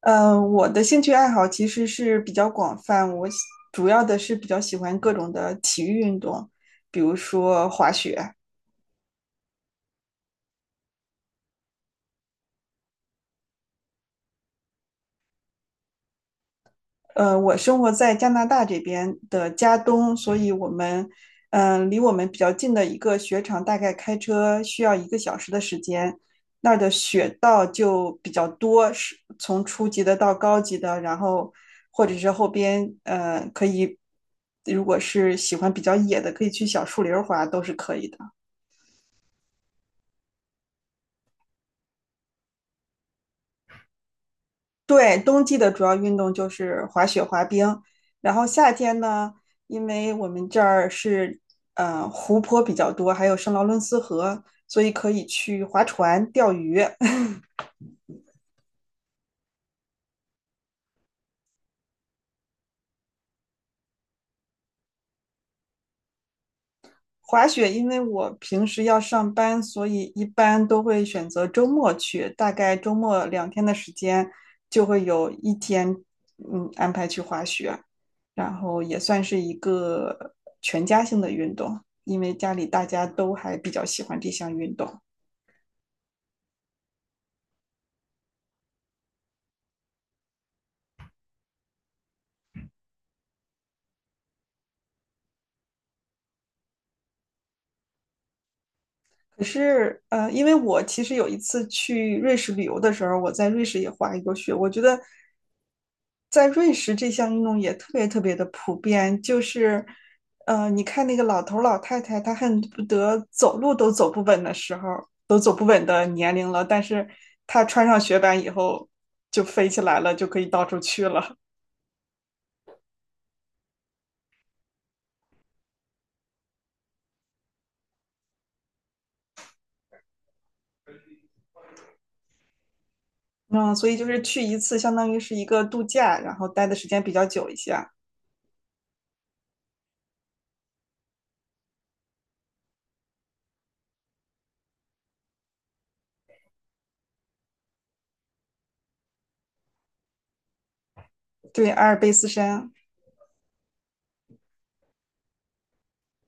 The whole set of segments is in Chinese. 嗯，我的兴趣爱好其实是比较广泛，主要的是比较喜欢各种的体育运动，比如说滑雪。我生活在加拿大这边的加东，所以我们，离我们比较近的一个雪场，大概开车需要一个小时的时间。那儿的雪道就比较多，是从初级的到高级的，然后或者是后边，可以，如果是喜欢比较野的，可以去小树林儿滑，都是可以的。对，冬季的主要运动就是滑雪、滑冰，然后夏天呢，因为我们这儿是湖泊比较多，还有圣劳伦斯河，所以可以去划船、钓鱼、滑雪。因为我平时要上班，所以一般都会选择周末去，大概周末两天的时间就会有一天，安排去滑雪，然后也算是一个全家性的运动，因为家里大家都还比较喜欢这项运动。可是，因为我其实有一次去瑞士旅游的时候，我在瑞士也滑一过雪。我觉得在瑞士这项运动也特别特别的普遍，就是，你看那个老头儿老太太，他恨不得走路都走不稳的时候，都走不稳的年龄了，但是他穿上雪板以后就飞起来了，就可以到处去了。嗯，所以就是去一次，相当于是一个度假，然后待的时间比较久一些。对，阿尔卑斯山。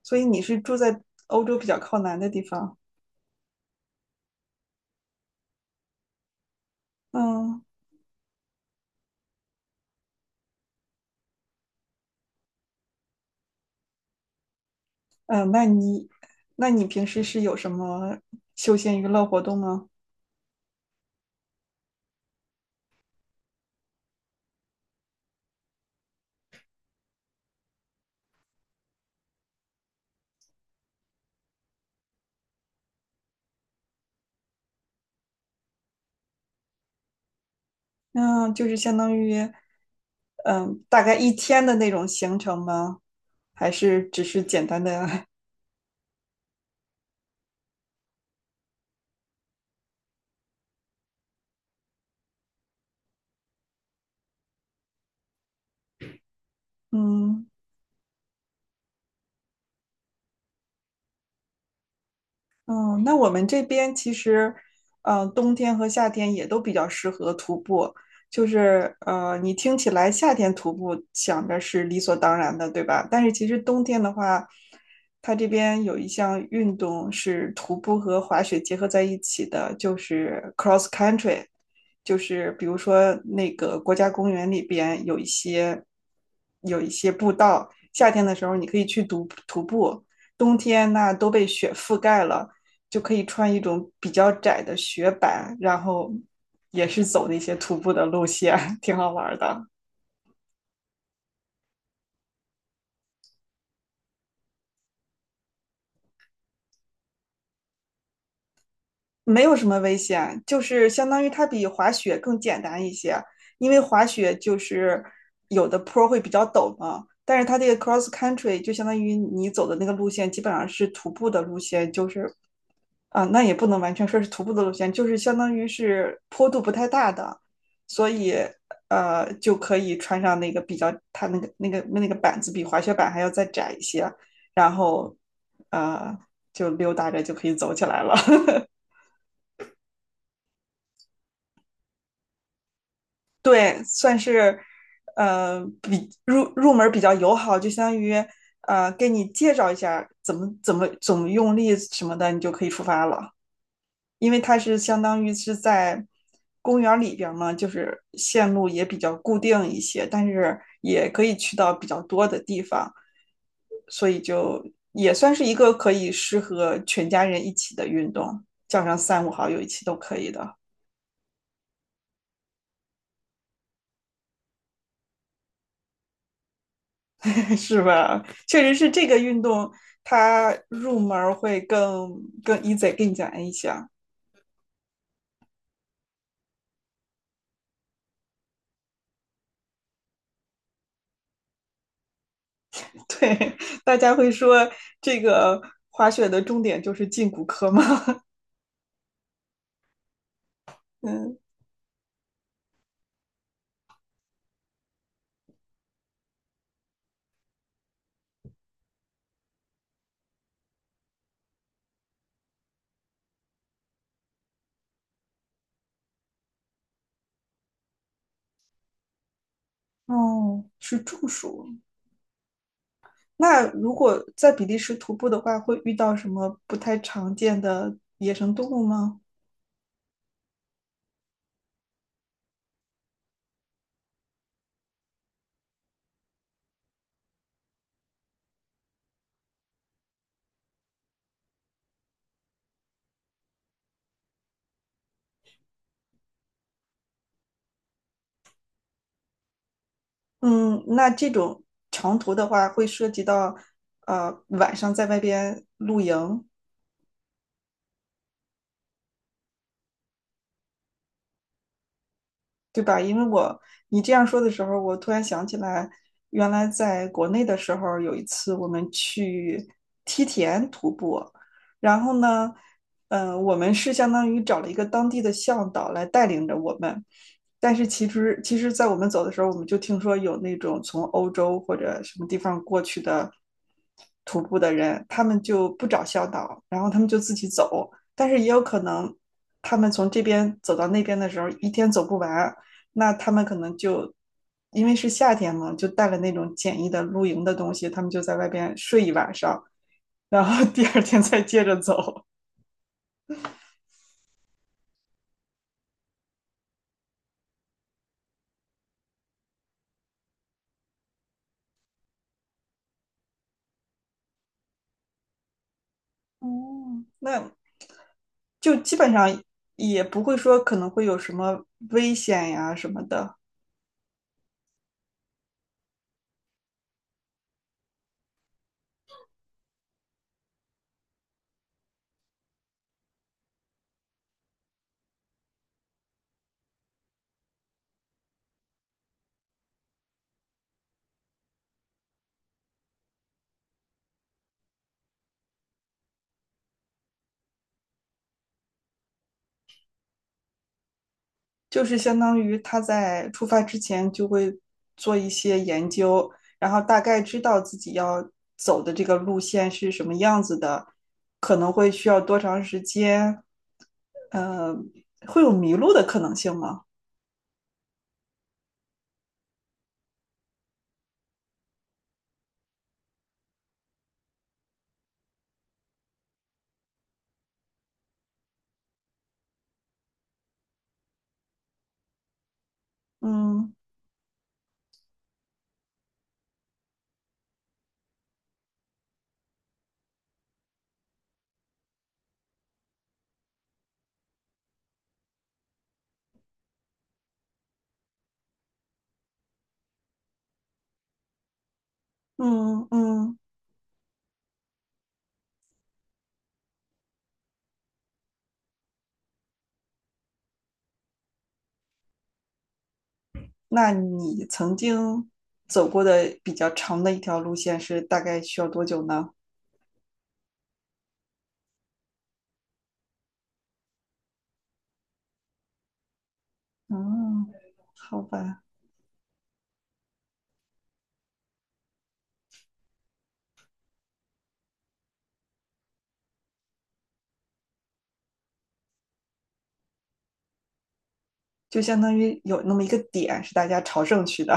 所以你是住在欧洲比较靠南的地方。嗯那你那你平时是有什么休闲娱乐活动吗？那就是相当于大概一天的那种行程吗？还是只是简单的 嗯嗯，那我们这边其实，嗯，冬天和夏天也都比较适合徒步。就是，你听起来夏天徒步想着是理所当然的，对吧？但是其实冬天的话，它这边有一项运动是徒步和滑雪结合在一起的，就是 cross country。就是比如说那个国家公园里边有一些步道，夏天的时候你可以去徒步，冬天那都被雪覆盖了。就可以穿一种比较窄的雪板，然后也是走那些徒步的路线，挺好玩的。没有什么危险，就是相当于它比滑雪更简单一些，因为滑雪就是有的坡会比较陡嘛，但是它这个 cross country 就相当于你走的那个路线基本上是徒步的路线，就是啊，那也不能完全说是徒步的路线，就是相当于是坡度不太大的，所以就可以穿上那个比较它那个板子比滑雪板还要再窄一些，然后呃就溜达着就可以走起来了。对，算是比入门比较友好，就相当于给你介绍一下怎么用力什么的，你就可以出发了。因为它是相当于是在公园里边嘛，就是线路也比较固定一些，但是也可以去到比较多的地方，所以就也算是一个可以适合全家人一起的运动，叫上三五好友一起都可以的。是吧？确实是这个运动，它入门儿会更 easy 更简单一些啊。对，大家会说这个滑雪的重点就是进骨科吗？嗯，哦，是中暑。那如果在比利时徒步的话，会遇到什么不太常见的野生动物吗？嗯，那这种长途的话，会涉及到晚上在外边露营，对吧？因为我你这样说的时候，我突然想起来，原来在国内的时候，有一次我们去梯田徒步，然后呢，我们是相当于找了一个当地的向导来带领着我们，但是其实其实，在我们走的时候，我们就听说有那种从欧洲或者什么地方过去的徒步的人，他们就不找向导，然后他们就自己走。但是也有可能，他们从这边走到那边的时候，一天走不完，那他们可能就因为是夏天嘛，就带了那种简易的露营的东西，他们就在外边睡一晚上，然后 第二天再接着走。哦，那就基本上也不会说可能会有什么危险呀什么的。就是相当于他在出发之前就会做一些研究，然后大概知道自己要走的这个路线是什么样子的，可能会需要多长时间，呃，会有迷路的可能性吗？嗯嗯嗯，那你曾经走过的比较长的一条路线是大概需要多久呢？嗯，好吧，就相当于有那么一个点是大家朝圣去的。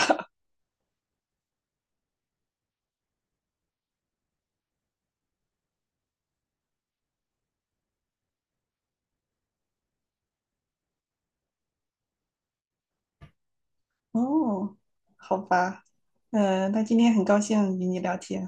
哦，好吧，那今天很高兴与你聊天。